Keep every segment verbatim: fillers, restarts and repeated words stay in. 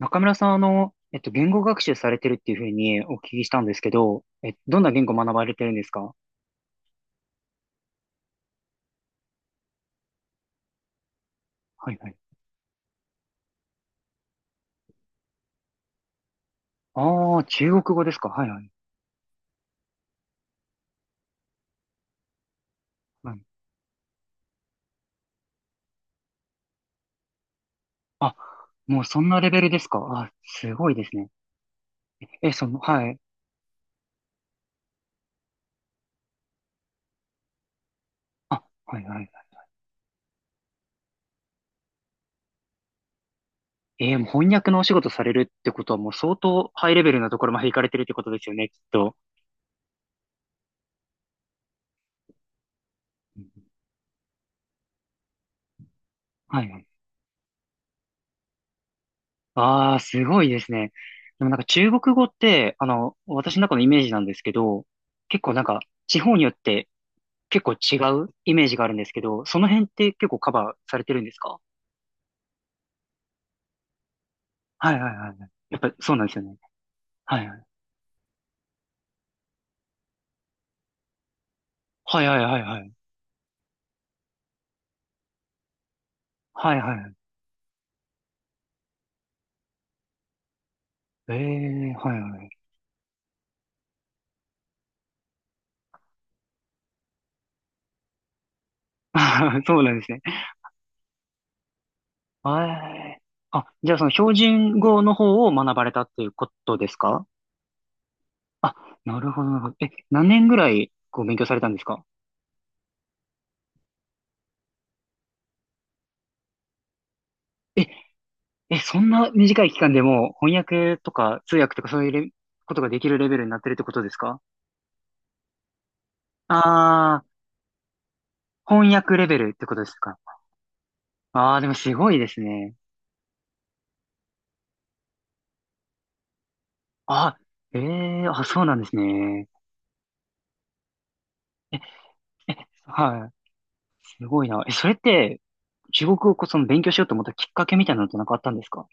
中村さん、あの、えっと、言語学習されてるっていうふうにお聞きしたんですけど、え、どんな言語学ばれてるんですか？はいはい。ああ、中国語ですか、はいはい。はい。あ、もうそんなレベルですか、あ、すごいですね。え、その、はい。あ、はいはい。えーもう翻訳のお仕事されるってことはもう相当ハイレベルなところまで行かれてるってことですよね、きっと。うん、はいはい。ああ、すごいですね。でもなんか中国語って、あの、私の中のイメージなんですけど、結構なんか地方によって結構違うイメージがあるんですけど、その辺って結構カバーされてるんですか？はいはいはいはい。やっぱりそうなんですよね。はいはい。はいはいはいはい。はいはいはい。ええ、はいはい。そうなんですね。はい。あ、じゃあその標準語の方を学ばれたっていうことですか？あ、なるほどなるほど。え、何年ぐらいこう勉強されたんですか？え、え、そんな短い期間でもう翻訳とか通訳とかそういうレことができるレベルになってるってことですか？ああー、翻訳レベルってことですか？ああ、でもすごいですね。あ、ええ、あ、そうなんですね。ええ、はい。すごいな。え、それって、中国語をその勉強しようと思ったきっかけみたいなのってなんかあったんですか？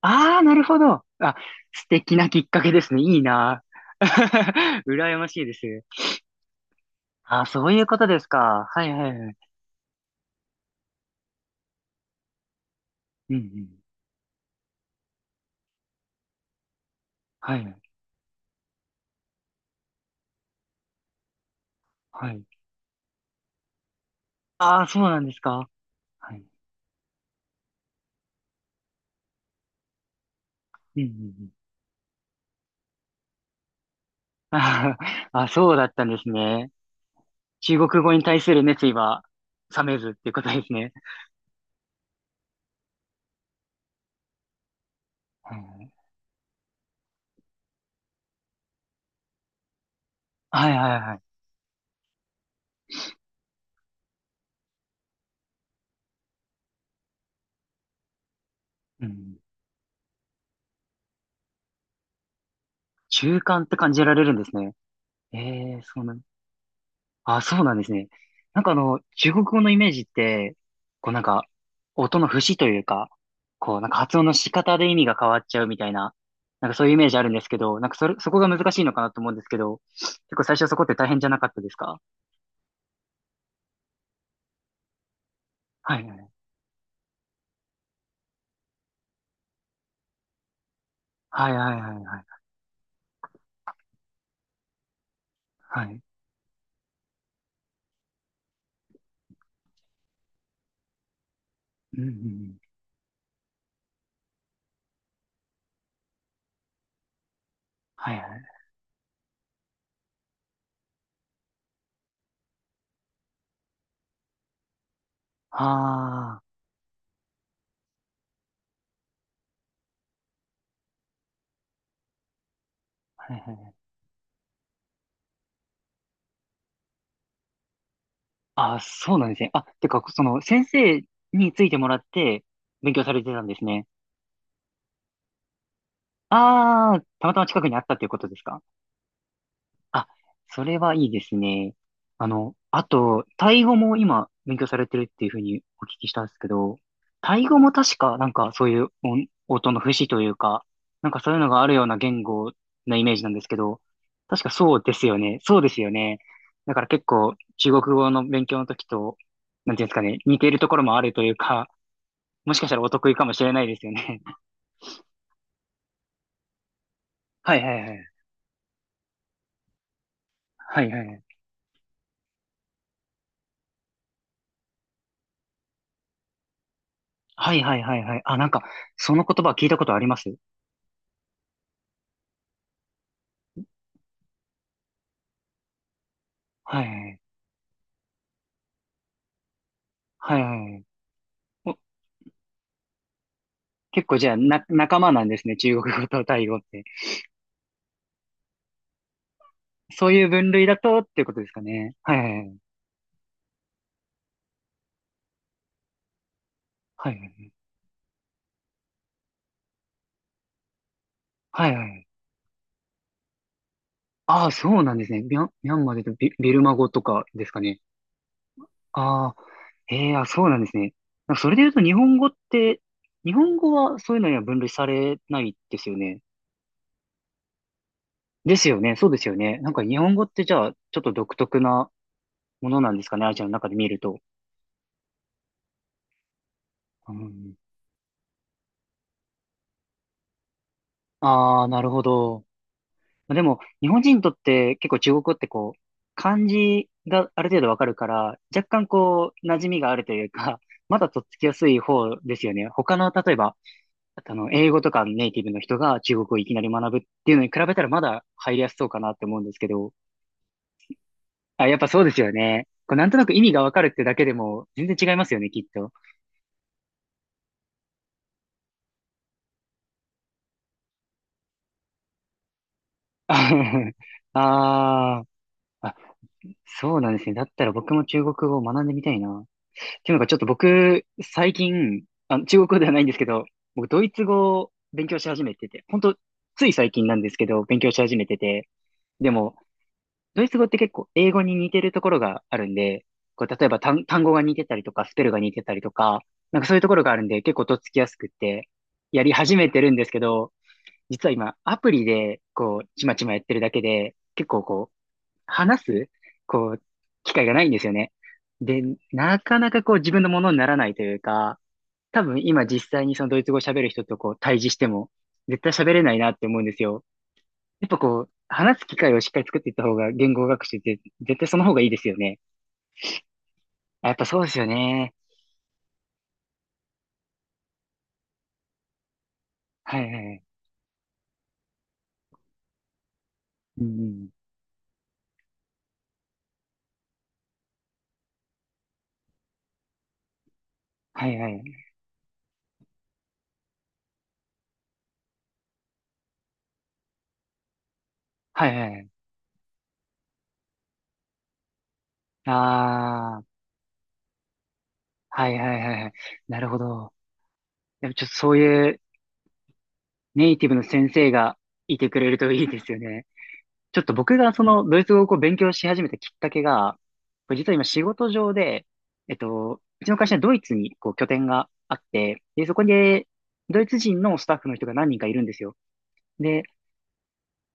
ああー、なるほど。あ、素敵なきっかけですね。いいな。羨ましいです。ああ、そういうことですか。はいはいはい。うんうん。はい。はい。ああ、そうなんですか。はい。うんうんうん。あーあ、そうだったんですね。中国語に対する熱意は冷めずっていうことですね。はい。はいはいはい。うん。習慣って感じられるんですね。ええそうなん、あ、そうなんですね。なんかあの、中国語のイメージって、こうなんか、音の節というか、こうなんか発音の仕方で意味が変わっちゃうみたいな、なんかそういうイメージあるんですけど、なんかそれ、そこが難しいのかなと思うんですけど、結構最初そこって大変じゃなかったですか？はいはい。はいはいはいはい。はい。うんうんうん。はいはい。ああ。はいはい、あ、そうなんですね。あ、てか、その、先生についてもらって、勉強されてたんですね。ああ、たまたま近くにあったということですか？あ、それはいいですね。あの、あと、タイ語も今、勉強されてるっていうふうにお聞きしたんですけど、タイ語も確か、なんか、そういう音、音の節というか、なんかそういうのがあるような言語のイメージなんですけど、確かそうですよね。そうですよね。だから結構、中国語の勉強の時と、なんていうんですかね、似ているところもあるというか、もしかしたらお得意かもしれないですよね。はいはいはい。はいはいはい。はいはいはいはい。あ、なんか、その言葉聞いたことあります。はいはいはい。はいはい、お結構じゃあ、な、仲間なんですね。中国語とタイ語って。そういう分類だとっていうことですかね。はいはいはい。はいはいはい。ああ、そうなんですね。ミャン、ミャンマーで言うとビ、ビルマ語とかですかね。ああ、ええ、あ、そうなんですね。それで言うと日本語って、日本語はそういうのには分類されないですよね。ですよね。そうですよね。なんか日本語ってじゃあ、ちょっと独特なものなんですかね。アジアの中で見ると。うん、ああ、なるほど。でも、日本人にとって結構中国語ってこう、漢字がある程度わかるから、若干こう、馴染みがあるというか、まだとっつきやすい方ですよね。他の、例えば、あの、英語とかネイティブの人が中国語をいきなり学ぶっていうのに比べたらまだ入りやすそうかなって思うんですけど。あ、やっぱそうですよね。こうなんとなく意味がわかるってだけでも全然違いますよね、きっと。あーあ、そうなんですね。だったら僕も中国語を学んでみたいな。っていうのがちょっと僕、最近、あ、中国語ではないんですけど、僕、ドイツ語を勉強し始めてて、本当つい最近なんですけど、勉強し始めてて、でも、ドイツ語って結構英語に似てるところがあるんで、こう例えば単、単語が似てたりとか、スペルが似てたりとか、なんかそういうところがあるんで、結構とっつきやすくって、やり始めてるんですけど、実は今、アプリで、こう、ちまちまやってるだけで、結構こう、話す、こう、機会がないんですよね。で、なかなかこう自分のものにならないというか、多分今実際にそのドイツ語を喋る人とこう対峙しても、絶対喋れないなって思うんですよ。やっぱこう、話す機会をしっかり作っていった方が言語学習って絶対その方がいいですよね。あ、やっぱそうですよね。はいはい。うんうん。はいはい。はいはい。ああ、はいはいはいはい。なるほど。やっぱちょっとそういうネイティブの先生がいてくれるといいですよね。ちょっと僕がそのドイツ語をこう勉強し始めたきっかけが、これ実は今仕事上で、えっと、うちの会社はドイツにこう拠点があって、で、そこでドイツ人のスタッフの人が何人かいるんですよ。で、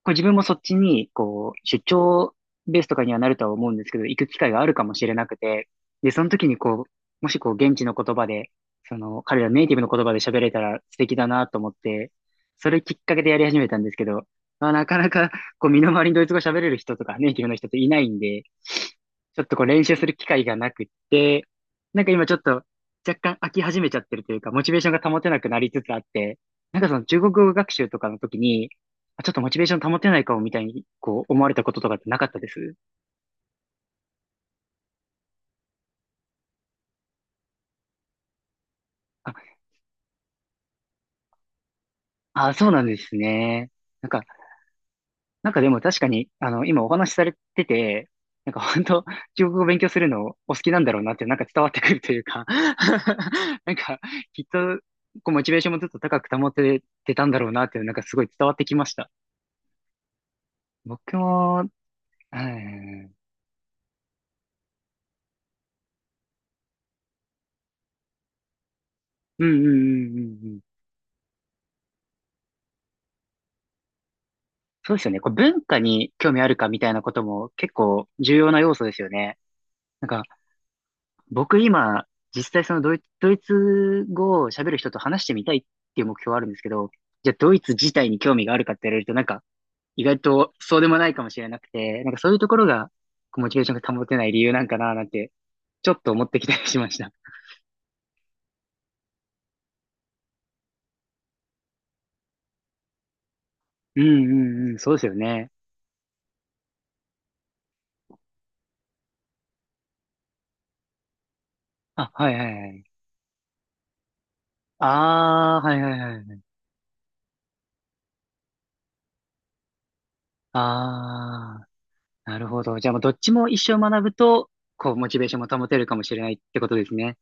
こう自分もそっちに、こう、出張ベースとかにはなるとは思うんですけど、行く機会があるかもしれなくて、で、その時にこう、もしこう、現地の言葉で、その、彼らネイティブの言葉で喋れたら素敵だなと思って、それきっかけでやり始めたんですけど、まあ、なかなか、こう、身の回りにドイツ語喋れる人とか、ネイティブの人っていないんで、ちょっとこう、練習する機会がなくって、なんか今ちょっと、若干飽き始めちゃってるというか、モチベーションが保てなくなりつつあって、なんかその中国語学習とかの時に、あちょっとモチベーション保てないかもみたいに、こう、思われたこととかってなかったですあ、あ、そうなんですね。なんか、なんかでも確かに、あの、今お話しされてて、なんか本当、中国語を勉強するのお好きなんだろうなってなんか伝わってくるというか。 なんか、きっと、こう、モチベーションもずっと高く保ててたんだろうなっていう、なんかすごい伝わってきました。僕も、うん、うんうんうんうんうん。そうですよね。こう文化に興味あるかみたいなことも結構重要な要素ですよね。僕今、実際そのドイ、ドイツ語を喋る人と話してみたいっていう目標はあるんですけど、じゃあドイツ自体に興味があるかって言われると、なんか意外とそうでもないかもしれなくて、なんかそういうところがこうモチベーションが保てない理由なんかななんて、ちょっと思ってきたりしました。うんうんうん、そうですよね。あ、はいはいはい。ああ、はいはいはいはい。ああ、なるほど。じゃあもうどっちも一生学ぶと、こうモチベーションも保てるかもしれないってことですね。